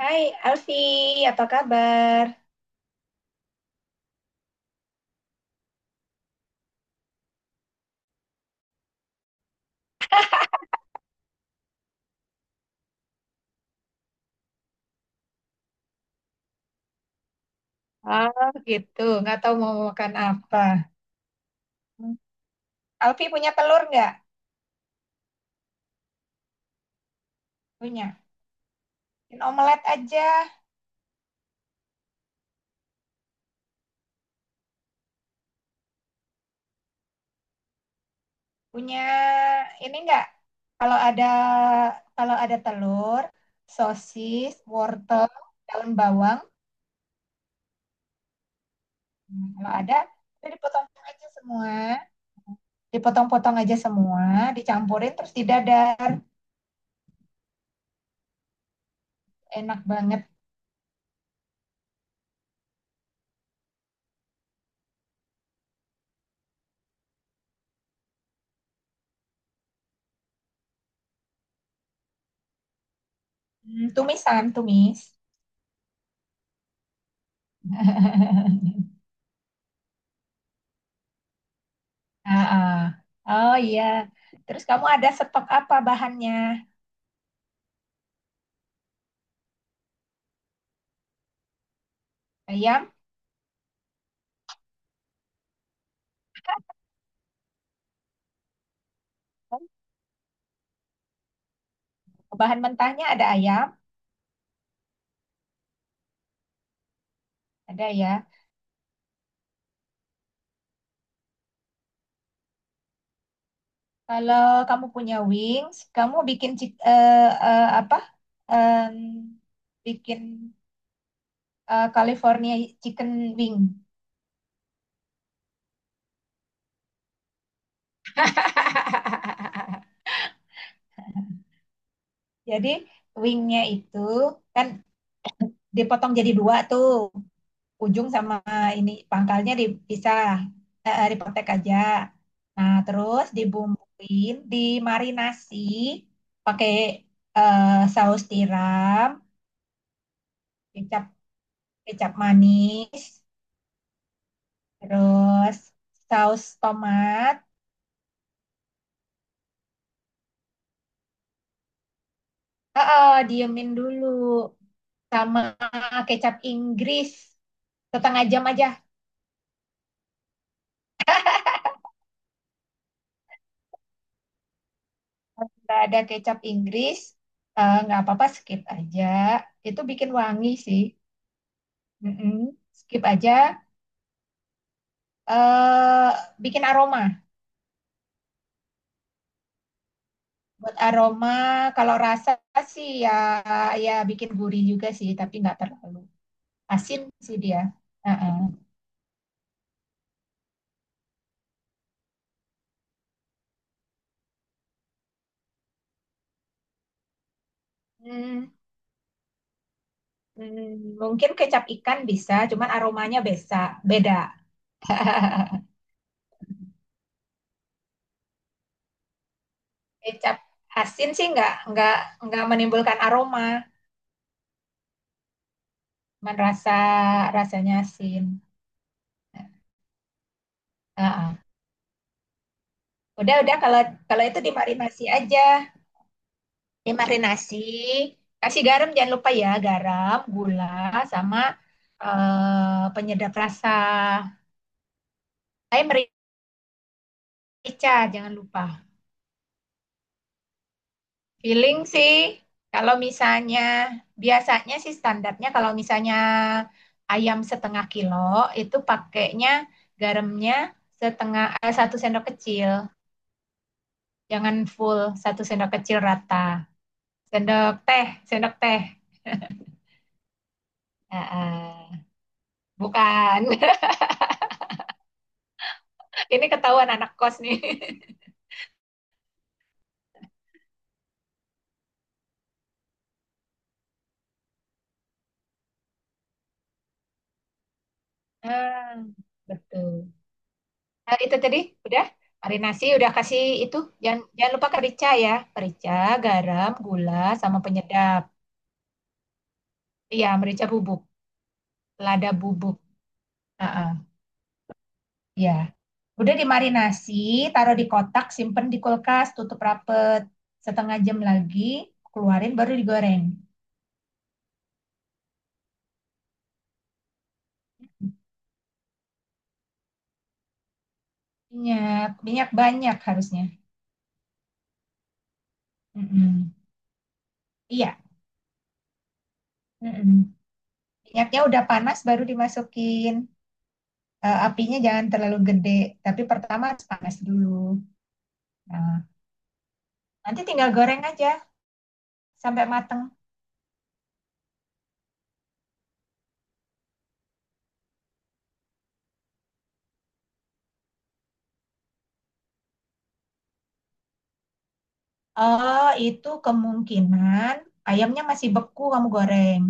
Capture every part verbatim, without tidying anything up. Hai Alfi, apa kabar? Gitu, nggak tahu mau makan apa. Alfi punya telur nggak? Punya. Bikin omelet aja. Punya ini nggak? Kalau ada kalau ada telur, sosis, wortel, daun bawang, hmm, kalau ada, itu dipotong aja semua, dipotong-potong aja semua, dicampurin terus didadar. Enak banget. Hmm, Tumisan, tumis. Ah, ah. Oh iya. Terus kamu ada stok apa bahannya? Ayam? Oh, bahan mentahnya ada ayam, ada ya. Kalau kamu punya wings, kamu bikin chick- eh, eh, apa? Em, bikin eh, California chicken wing. Jadi wingnya itu kan dipotong jadi dua tuh. Ujung sama ini pangkalnya dipisah eh, eh, dipotek aja. Nah, terus dibumbuin, dimarinasi pakai eh, saus tiram, kecap kecap manis, terus saus tomat. Ah, ah, diemin dulu sama kecap Inggris setengah jam aja. Nggak ada kecap Inggris, eh, nggak apa-apa skip aja. Itu bikin wangi sih. Mm-mm. Skip aja eh bikin aroma. Buat aroma, kalau rasa sih ya ya bikin gurih juga sih, tapi nggak terlalu asin sih dia. Heeh. Hmm, hmm, mungkin kecap ikan bisa, cuman aromanya bisa beda. Kecap asin sih nggak nggak nggak menimbulkan aroma, cuman rasa rasanya asin. Heeh. Udah udah kalau kalau itu dimarinasi aja. Dimarinasi, kasih garam jangan lupa ya, garam, gula, sama eh, penyedap rasa. Saya merica, jangan lupa. Feeling sih, kalau misalnya, biasanya sih standarnya kalau misalnya ayam setengah kilo, itu pakainya garamnya setengah, eh, satu sendok kecil. Jangan full, satu sendok kecil rata. Sendok teh, sendok teh. Ah, ah, bukan. Ini ketahuan anak kos nih. Ah, betul. Nah, itu tadi udah marinasi udah kasih itu jangan jangan lupa merica ya, merica, garam, gula, sama penyedap. Iya, merica bubuk, lada bubuk. Heeh. Ya udah dimarinasi, taruh di kotak simpen di kulkas tutup rapet, setengah jam lagi keluarin baru digoreng. Minyak minyak banyak harusnya. Mm-mm. Iya. Mm-mm. Minyaknya udah panas baru dimasukin. Eh, apinya jangan terlalu gede, tapi pertama harus panas dulu. Nah, nanti tinggal goreng aja sampai mateng. Oh, itu kemungkinan ayamnya masih beku kamu goreng.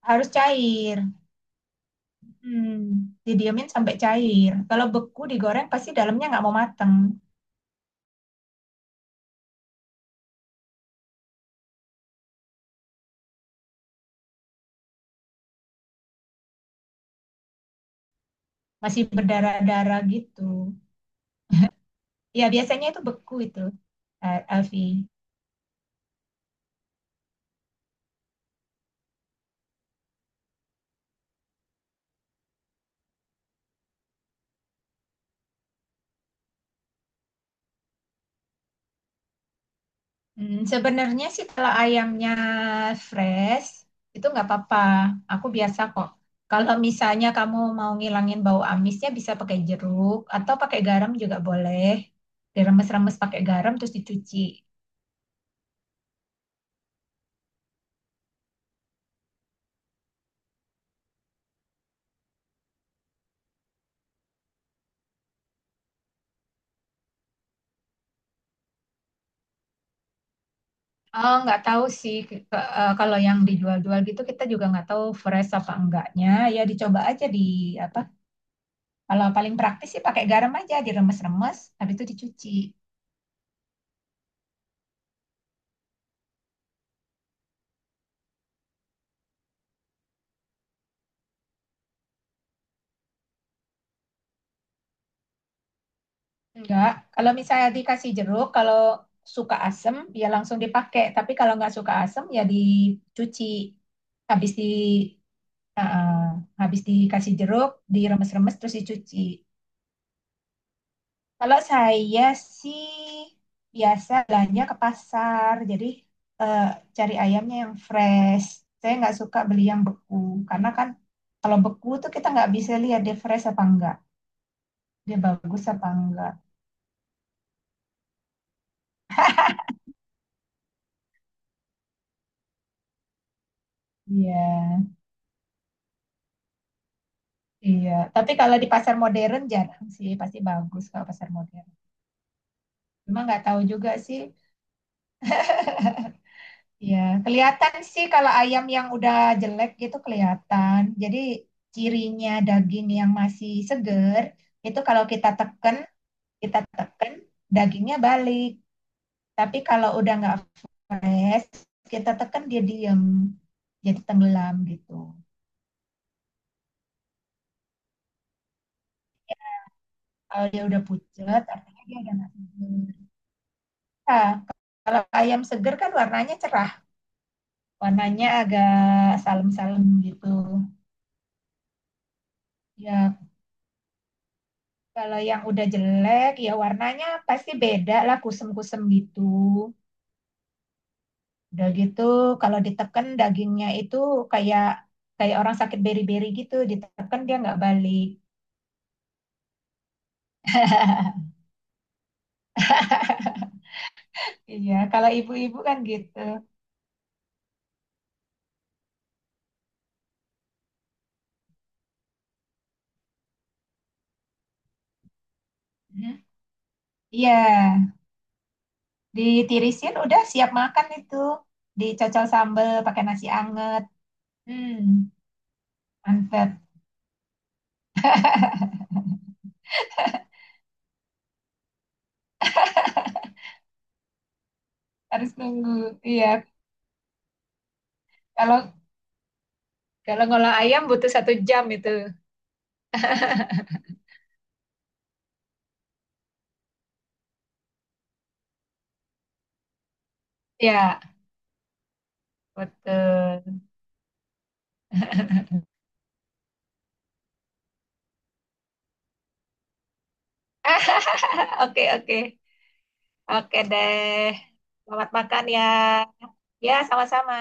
Harus cair. Hmm, Didiamin sampai cair. Kalau beku digoreng pasti dalamnya nggak mau mateng. Masih berdarah-darah gitu. Ya, biasanya itu beku itu, eh, Alfi. Hmm, sebenarnya sih kalau ayamnya fresh itu nggak apa-apa. Aku biasa kok. Kalau misalnya kamu mau ngilangin bau amisnya bisa pakai jeruk atau pakai garam juga boleh. Diremes-remes pakai garam terus dicuci. Oh, nggak tahu sih ke- ke- eh, kalau yang dijual-jual gitu kita juga nggak tahu fresh apa enggaknya. Ya dicoba aja di apa? Kalau paling praktis sih pakai garam aja diremes-remes habis itu dicuci. Enggak, kalau misalnya dikasih jeruk, kalau suka asem ya langsung dipakai. Tapi kalau nggak suka asem ya dicuci. Habis di eh, eh, habis dikasih jeruk, diremes-remes terus dicuci. Kalau saya sih biasa belanja ke pasar, jadi eh, cari ayamnya yang fresh. Saya nggak suka beli yang beku, karena kan kalau beku tuh kita nggak bisa lihat dia fresh apa enggak, dia bagus apa enggak. Iya. Iya, tapi kalau di pasar modern jarang sih, pasti bagus kalau pasar modern. Cuma nggak tahu juga sih. Iya, kelihatan sih kalau ayam yang udah jelek gitu kelihatan. Jadi cirinya daging yang masih seger itu kalau kita teken, kita teken dagingnya balik. Tapi kalau udah nggak fresh, kita teken dia diem, jadi tenggelam gitu. Kalau dia udah pucet, artinya dia udah nggak seger. Nah, kalau ayam seger kan warnanya cerah. Warnanya agak salem-salem gitu. Ya kalau yang udah jelek ya warnanya pasti beda lah kusem-kusem gitu. Udah gitu kalau diteken dagingnya itu kayak kayak orang sakit beri-beri gitu diteken dia nggak balik. Iya kalau ibu-ibu kan gitu. Mhm. Iya, ditirisin udah siap makan itu dicocol sambel pakai nasi anget. Hmm, mantap. Harus nunggu. Iya, kalau kalau ngolah ayam butuh satu jam itu. Ya, betul. Ah, oke, oke. Oke deh. Selamat makan ya. Ya, sama-sama.